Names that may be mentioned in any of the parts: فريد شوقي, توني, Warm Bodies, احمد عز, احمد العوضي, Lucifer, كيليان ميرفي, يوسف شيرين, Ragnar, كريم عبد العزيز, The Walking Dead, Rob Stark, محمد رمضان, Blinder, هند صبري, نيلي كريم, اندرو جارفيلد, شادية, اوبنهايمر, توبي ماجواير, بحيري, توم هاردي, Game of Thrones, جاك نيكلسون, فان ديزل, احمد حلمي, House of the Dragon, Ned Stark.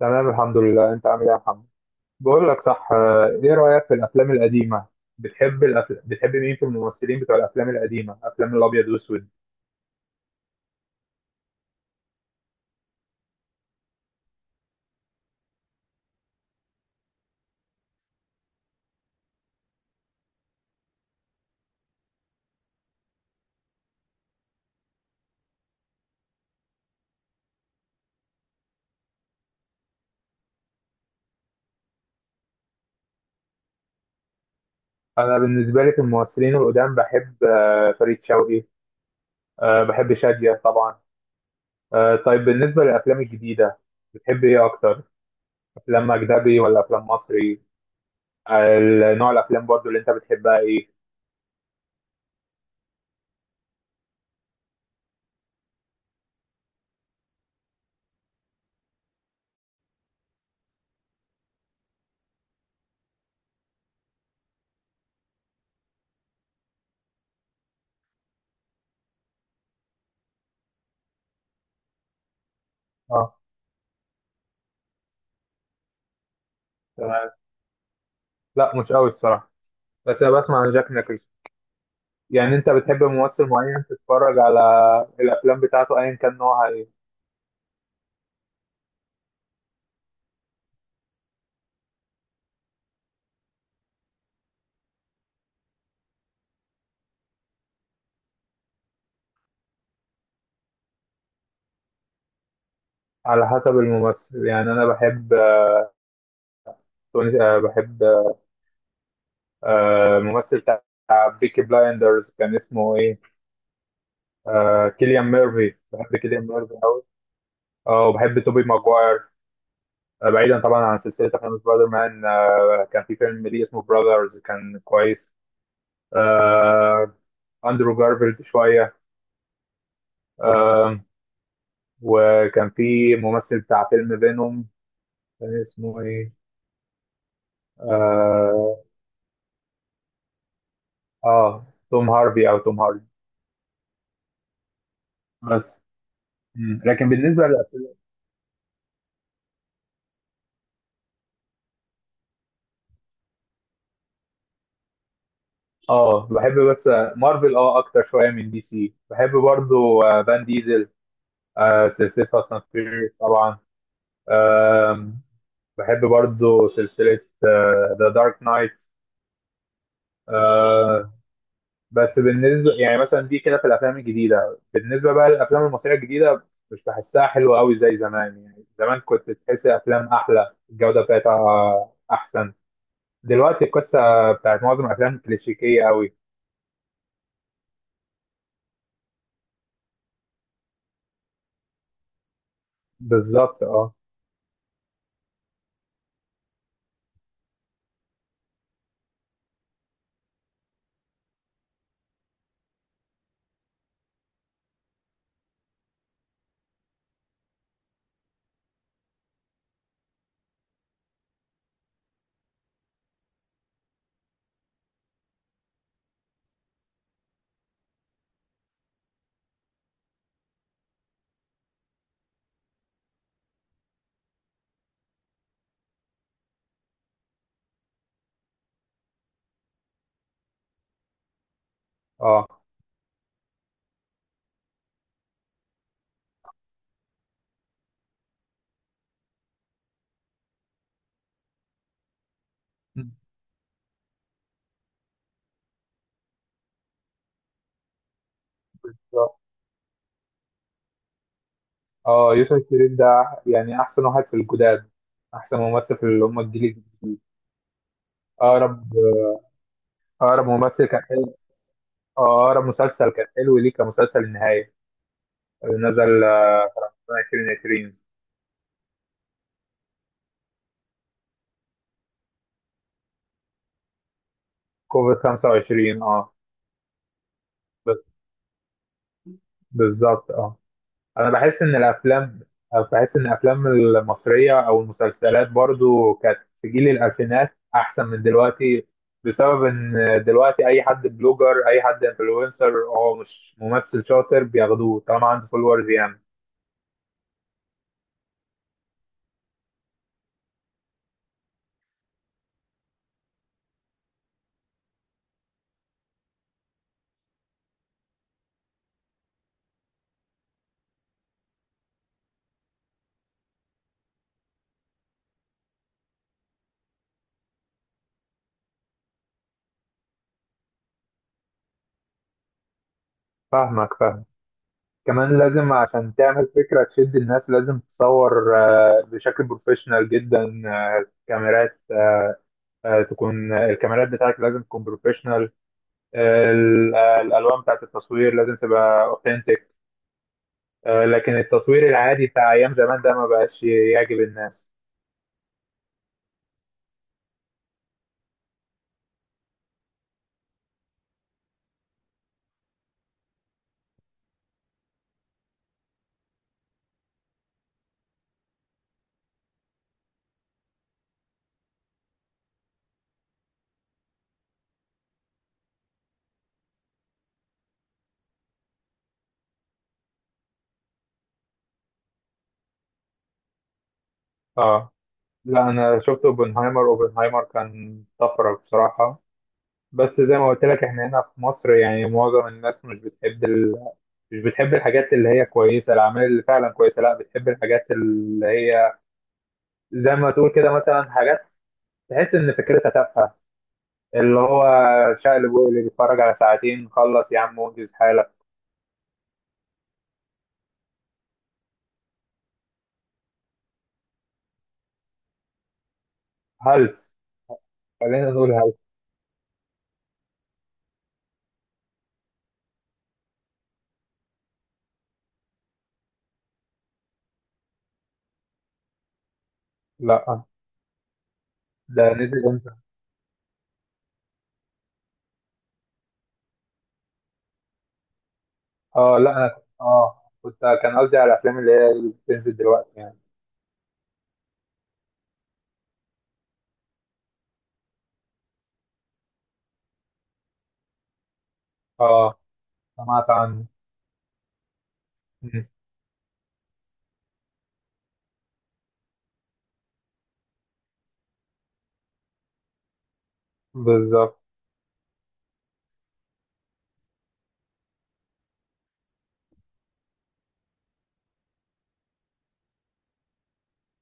تمام، الحمد لله. انت عامل ايه يا محمد؟ بقول لك صح، ايه رأيك في الافلام القديمة؟ بتحب مين في الممثلين بتوع الافلام القديمة، افلام الابيض والاسود؟ انا بالنسبة لي في الممثلين القدام بحب فريد شوقي، بحب شادية طبعا. طيب، بالنسبة للافلام الجديدة بتحب ايه اكتر؟ افلام اجنبي ولا افلام مصري؟ نوع الافلام برضو اللي انت بتحبها ايه؟ اه، تمام. لا، مش قوي الصراحة، بس انا بسمع عن جاك نيكلسون. يعني انت بتحب ممثل معين تتفرج على الافلام بتاعته ايا كان نوعها ايه؟ على حسب الممثل. يعني انا بحب توني، آه، بحب آه، ممثل بتاع بيكي بلايندرز كان اسمه ايه؟ كيليان ميرفي، بحب كيليان ميرفي قوي. اه، وبحب توبي ماجواير. بعيدا طبعا عن سلسله افلام سبايدر مان، كان في فيلم ليه اسمه براذرز كان كويس. آه، اندرو جارفيلد شويه. آه، وكان في ممثل بتاع فيلم فينوم كان اسمه ايه؟ اه، توم هاربي او توم هاردي. بس. مم، لكن بالنسبه للأفلام اه، بحب. بس مارفل اه اكتر شويه من دي سي. بحب برضو فان ديزل، سلسله فاست اند فيوريوس طبعا. آم، بحب برضو سلسله ذا دارك نايت. بس بالنسبه يعني مثلا دي كده في الافلام الجديده، بالنسبه بقى للافلام المصريه الجديده مش بحسها حلوه قوي زي زمان. يعني زمان كنت تحس الافلام احلى، الجوده بتاعتها احسن. دلوقتي القصة بتاعت معظم الأفلام كلاسيكية أوي. بالظبط، أه. أه، بالظبط. أه، يوسف شيرين ده يعني أحسن واحد في الجداد، أحسن ممثل في اللي هم الجيل الجديد. أقرب أقرب ممثل كان حلو. أقرب مسلسل كان حلو ليه كان مسلسل النهاية، اللي نزل 2020. كوفيد 25، أه. ب- بالظبط، أه. انا بحس ان الافلام بحس ان الافلام المصريه او المسلسلات برضو كانت في جيل الالفينات احسن من دلوقتي، بسبب ان دلوقتي اي حد بلوجر، اي حد انفلونسر، هو مش ممثل شاطر بياخدوه طالما عنده فولورز يعني. فاهمك، فاهم. كمان لازم عشان تعمل فكره تشد الناس لازم تصور بشكل بروفيشنال جدا، آه، كاميرات آه، آه، تكون الكاميرات بتاعتك لازم تكون بروفيشنال. الالوان بتاعت التصوير لازم تبقى اوثنتيك. لكن التصوير العادي بتاع ايام زمان ده ما بقاش يعجب الناس. اه، لا انا شفت اوبنهايمر. اوبنهايمر كان طفره بصراحه. بس زي ما قلت لك احنا هنا في مصر يعني معظم الناس مش بتحب الحاجات اللي هي كويسه، الاعمال اللي فعلا كويسه. لا، بتحب الحاجات اللي هي زي ما تقول كده مثلا حاجات تحس ان فكرتها تافهه، اللي هو شقلب وقلب بيتفرج على ساعتين خلص يا عم وانجز حالك. هلس، خلينا نقول هلس. لا ده نزل امتى؟ اه، لا انا كنت اه كنت كان قصدي على الافلام اللي هي اللي بتنزل دلوقتي يعني. اه، سمعت عنه. مم. بالظبط،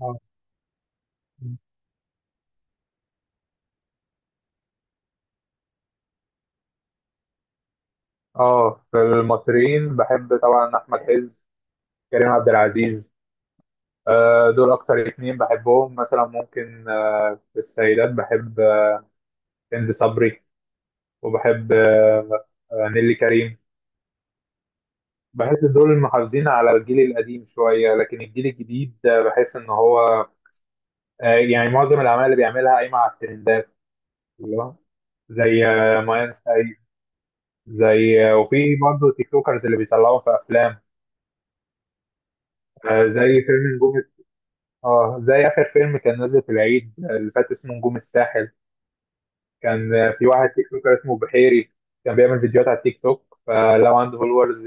اه. اه، في المصريين بحب طبعا احمد عز، كريم عبد العزيز. آه، دول اكتر اتنين بحبهم. مثلا ممكن في السيدات بحب هند صبري، وبحب نيلي كريم. بحس دول محافظين على الجيل القديم شوية. لكن الجيل الجديد بحس ان هو يعني معظم الأعمال اللي بيعملها قايمة على الترندات، اللي هو زي ماين سايد، زي وفي برضه تيك توكرز اللي بيطلعوا في أفلام. زي فيلم نجوم، اه، زي آخر فيلم كان نازل في العيد اللي فات اسمه نجوم الساحل. كان في واحد تيك توكر اسمه بحيري، كان بيعمل فيديوهات على التيك توك، فلو عنده فولورز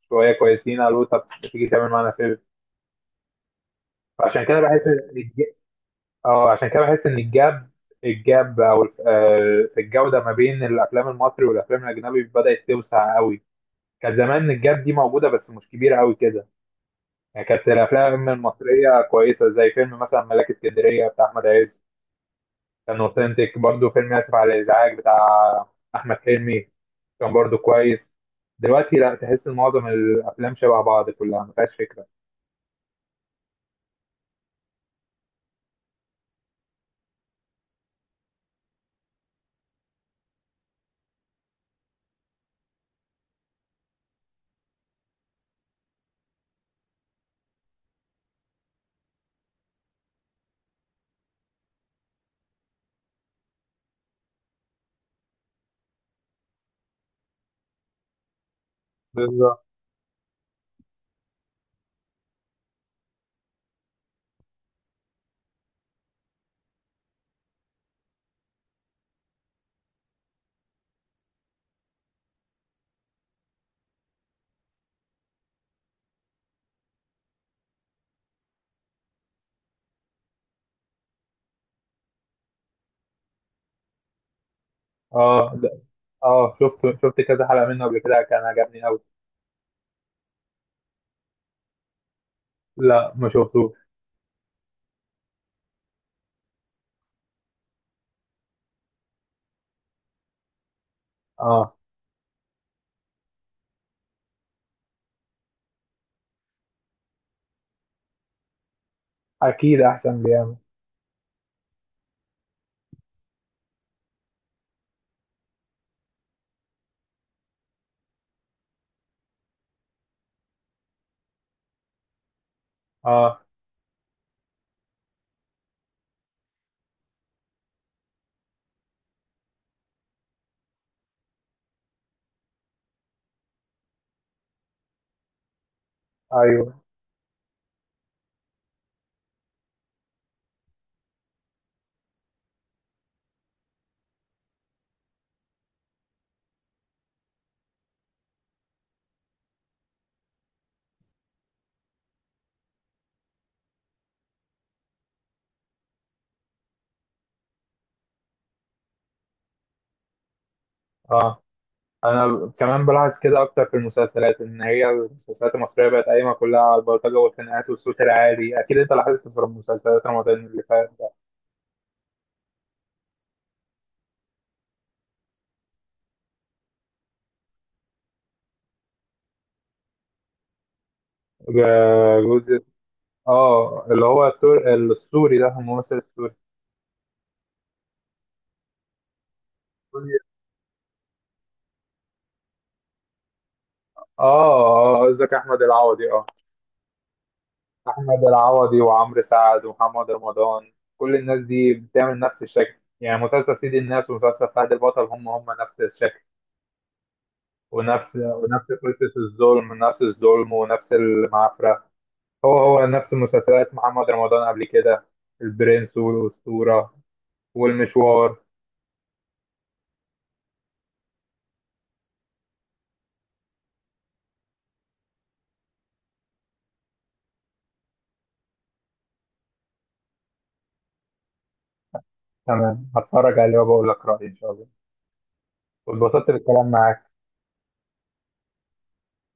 شوية كويسين قالوا طب تيجي تعمل معانا فيلم. فعشان كده بحس، اه عشان كده بحس ان الجاب الجاب او الف- آه، في الجوده ما بين الافلام المصري والافلام الاجنبي بدات توسع قوي. كان زمان الجاب دي موجوده بس مش كبيره قوي كده. يعني كانت الافلام المصريه كويسه، زي فيلم مثلا ملاك اسكندريه بتاع احمد عز كان اوثنتيك برضه. فيلم اسف على الازعاج بتاع احمد حلمي كان برضه كويس. دلوقتي لا، تحس ان معظم الافلام شبه بعض كلها ما فيهاش فكره. بالظبط، اه. اه، شفت كذا حلقه منه قبل كده، كان عجبني قوي. لا، ما شفتوش. اه، اكيد احسن بيعمل. اه، ايوه. اه، انا كمان بلاحظ كده اكتر في المسلسلات ان هي المسلسلات المصريه بقت قايمه كلها على البلطجه والخناقات والصوت العالي. اكيد انت لاحظت في المسلسلات رمضان اللي فات ده. جزء. اه، اللي هو السوري ده، الممثل السوري. اه، اه قصدك احمد العوضي. اه، احمد العوضي وعمرو سعد ومحمد رمضان، كل الناس دي بتعمل نفس الشكل. يعني مسلسل سيد الناس ومسلسل فهد البطل هم هم نفس الشكل، ونفس قصة الظلم، نفس الظلم ونفس المعفرة. هو هو نفس المسلسلات محمد رمضان قبل كده، البرنس والأسطورة والمشوار. تمام، هتفرج عليه وبقول لك رأيي إن شاء الله. واتبسطت بالكلام معاك.